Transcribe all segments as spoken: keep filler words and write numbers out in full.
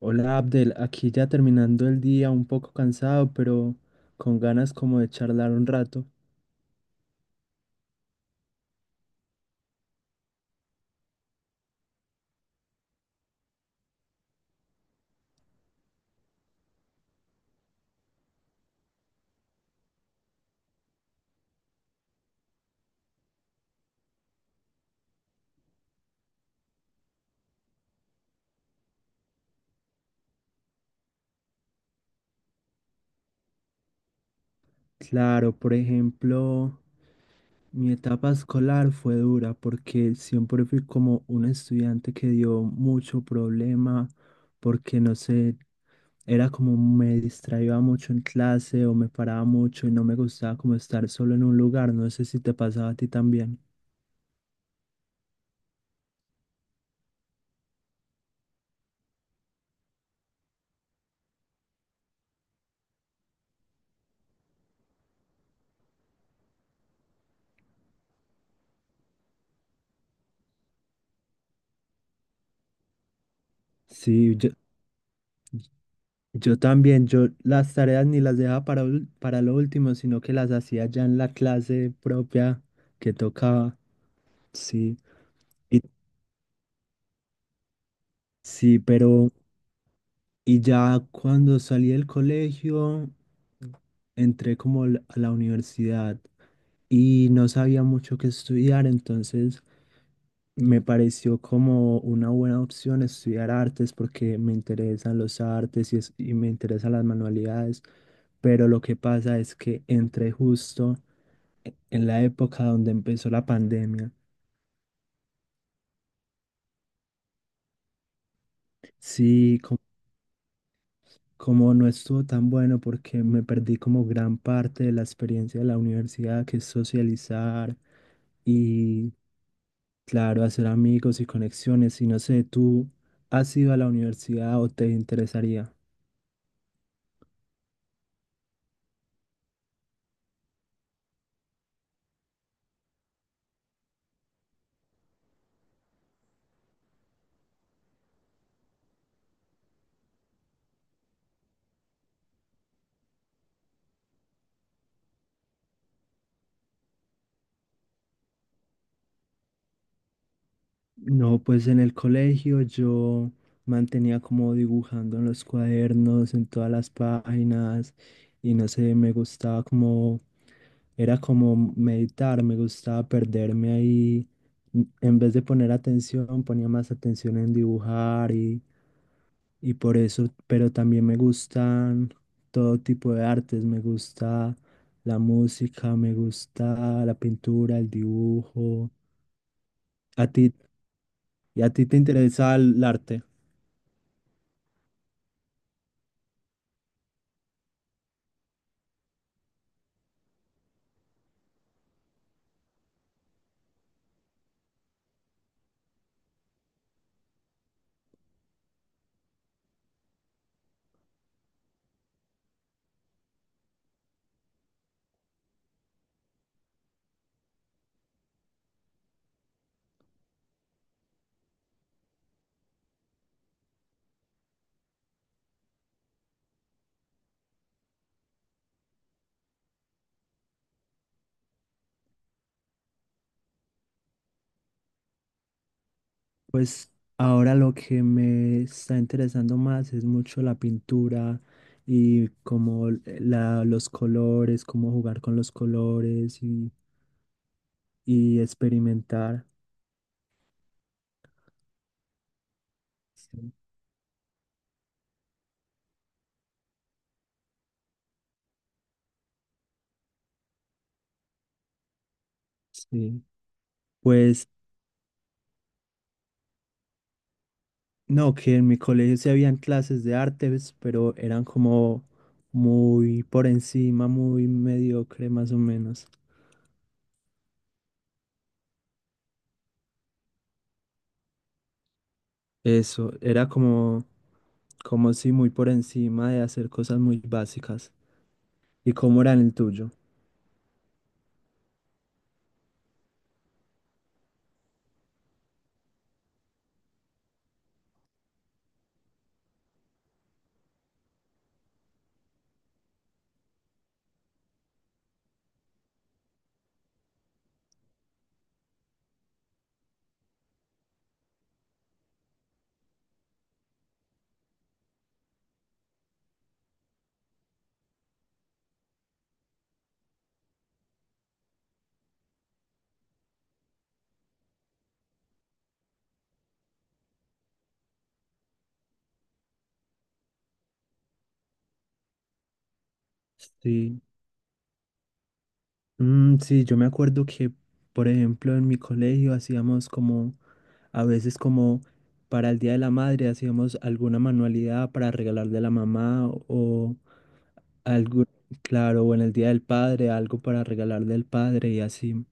Hola Abdel, aquí ya terminando el día, un poco cansado, pero con ganas como de charlar un rato. Claro, por ejemplo, mi etapa escolar fue dura porque siempre fui como un estudiante que dio mucho problema, porque no sé, era como me distraía mucho en clase o me paraba mucho y no me gustaba como estar solo en un lugar. No sé si te pasaba a ti también. Sí, yo- yo también, yo las tareas ni las dejaba para, ul- para lo último, sino que las hacía ya en la clase propia que tocaba. Sí, y, sí, pero y ya cuando salí del colegio, entré como al- a la universidad y no sabía mucho qué estudiar, entonces me pareció como una buena opción estudiar artes porque me interesan los artes y, es- y me interesan las manualidades, pero lo que pasa es que entré justo e, en la época donde empezó la pandemia. Sí, como no estuvo tan bueno porque me perdí como gran parte de la experiencia de la universidad, que es socializar y, claro, hacer amigos y conexiones. Y no sé, ¿tú has ido a la universidad o te interesaría? No, pues en el colegio yo mantenía como dibujando en los cuadernos, en todas las páginas, y no sé, me gustaba como era como meditar, me gustaba perderme ahí. En vez de poner atención, ponía más atención en dibujar y, y por eso, pero también me gustan todo tipo de artes, me gusta la música, me gusta la pintura, el dibujo. ¿A ti y a ti te interesa el arte? Pues ahora lo que me está interesando más es mucho la pintura y como la, los colores, cómo jugar con los colores y, y experimentar. Sí. Sí. Pues no, que en mi colegio sí habían clases de artes, pero eran como muy por encima, muy mediocre más o menos. Eso, era como, como si muy por encima de hacer cosas muy básicas. ¿Y cómo era en el tuyo? Sí. Mm, sí, yo me acuerdo que, por ejemplo, en mi colegio hacíamos como, a veces como para el Día de la Madre hacíamos alguna manualidad para regalarle a la mamá o algo, claro, o en el Día del Padre, algo para regalarle al padre y así.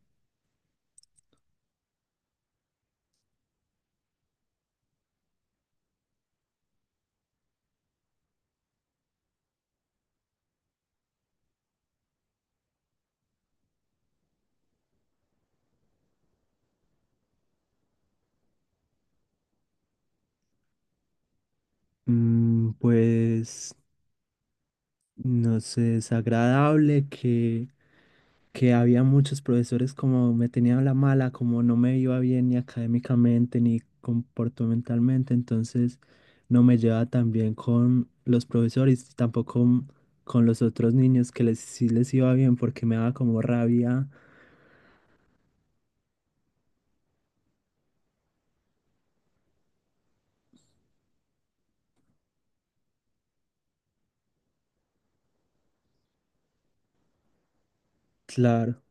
Mm, pues, no sé, es agradable que, que había muchos profesores como me tenían la mala, como no me iba bien ni académicamente ni comportamentalmente, entonces no me llevaba tan bien con los profesores, tampoco con, con los otros niños que les, sí les iba bien porque me daba como rabia, claro.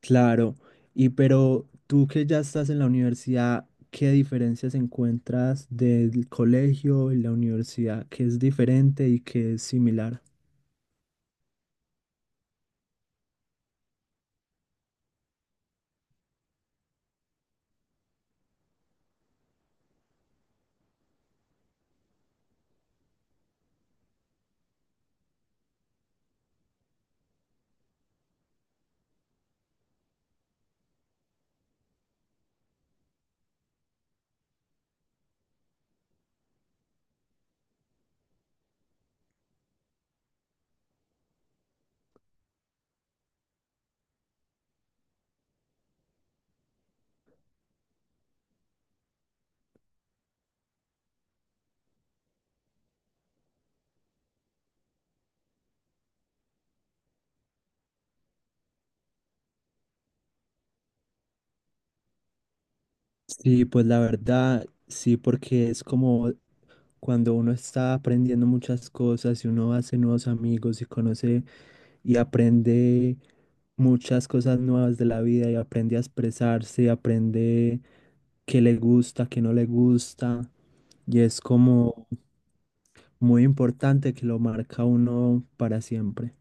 Claro, y pero tú que ya estás en la universidad, ¿qué diferencias encuentras del colegio y la universidad? ¿Qué es diferente y qué es similar? Sí, pues la verdad, sí, porque es como cuando uno está aprendiendo muchas cosas y uno hace nuevos amigos y conoce y aprende muchas cosas nuevas de la vida y aprende a expresarse, aprende qué le gusta, qué no le gusta. Y es como, muy importante que lo marca uno para siempre.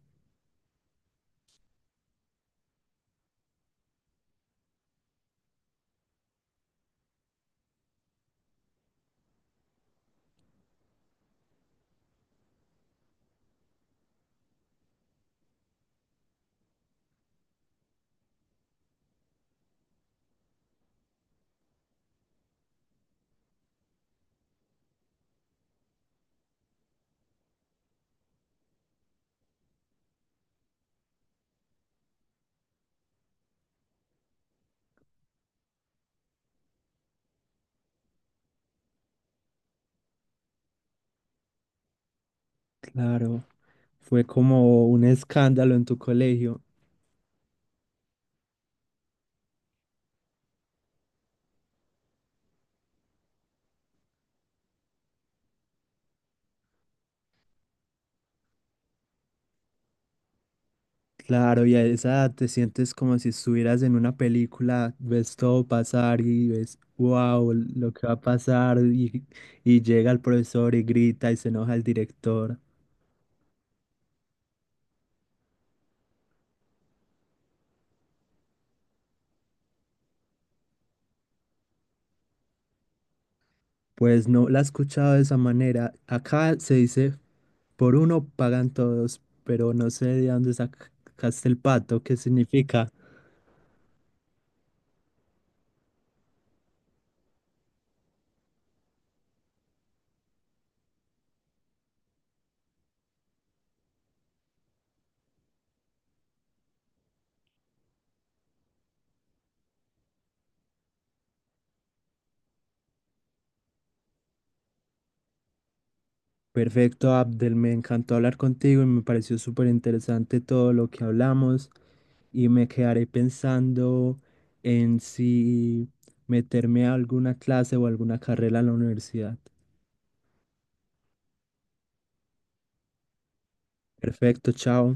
Claro, fue como un escándalo en tu colegio. Claro, y a esa edad te sientes como si estuvieras en una película, ves todo pasar y ves, wow, lo que va a pasar y, y llega el profesor y grita y se enoja el director. Pues no la he escuchado de esa manera. Acá se dice, por uno pagan todos, pero no sé de dónde sacaste el pato, ¿qué significa? Perfecto, Abdel, me encantó hablar contigo y me pareció súper interesante todo lo que hablamos y me quedaré pensando en si meterme a alguna clase o alguna carrera en la universidad. Perfecto, chao.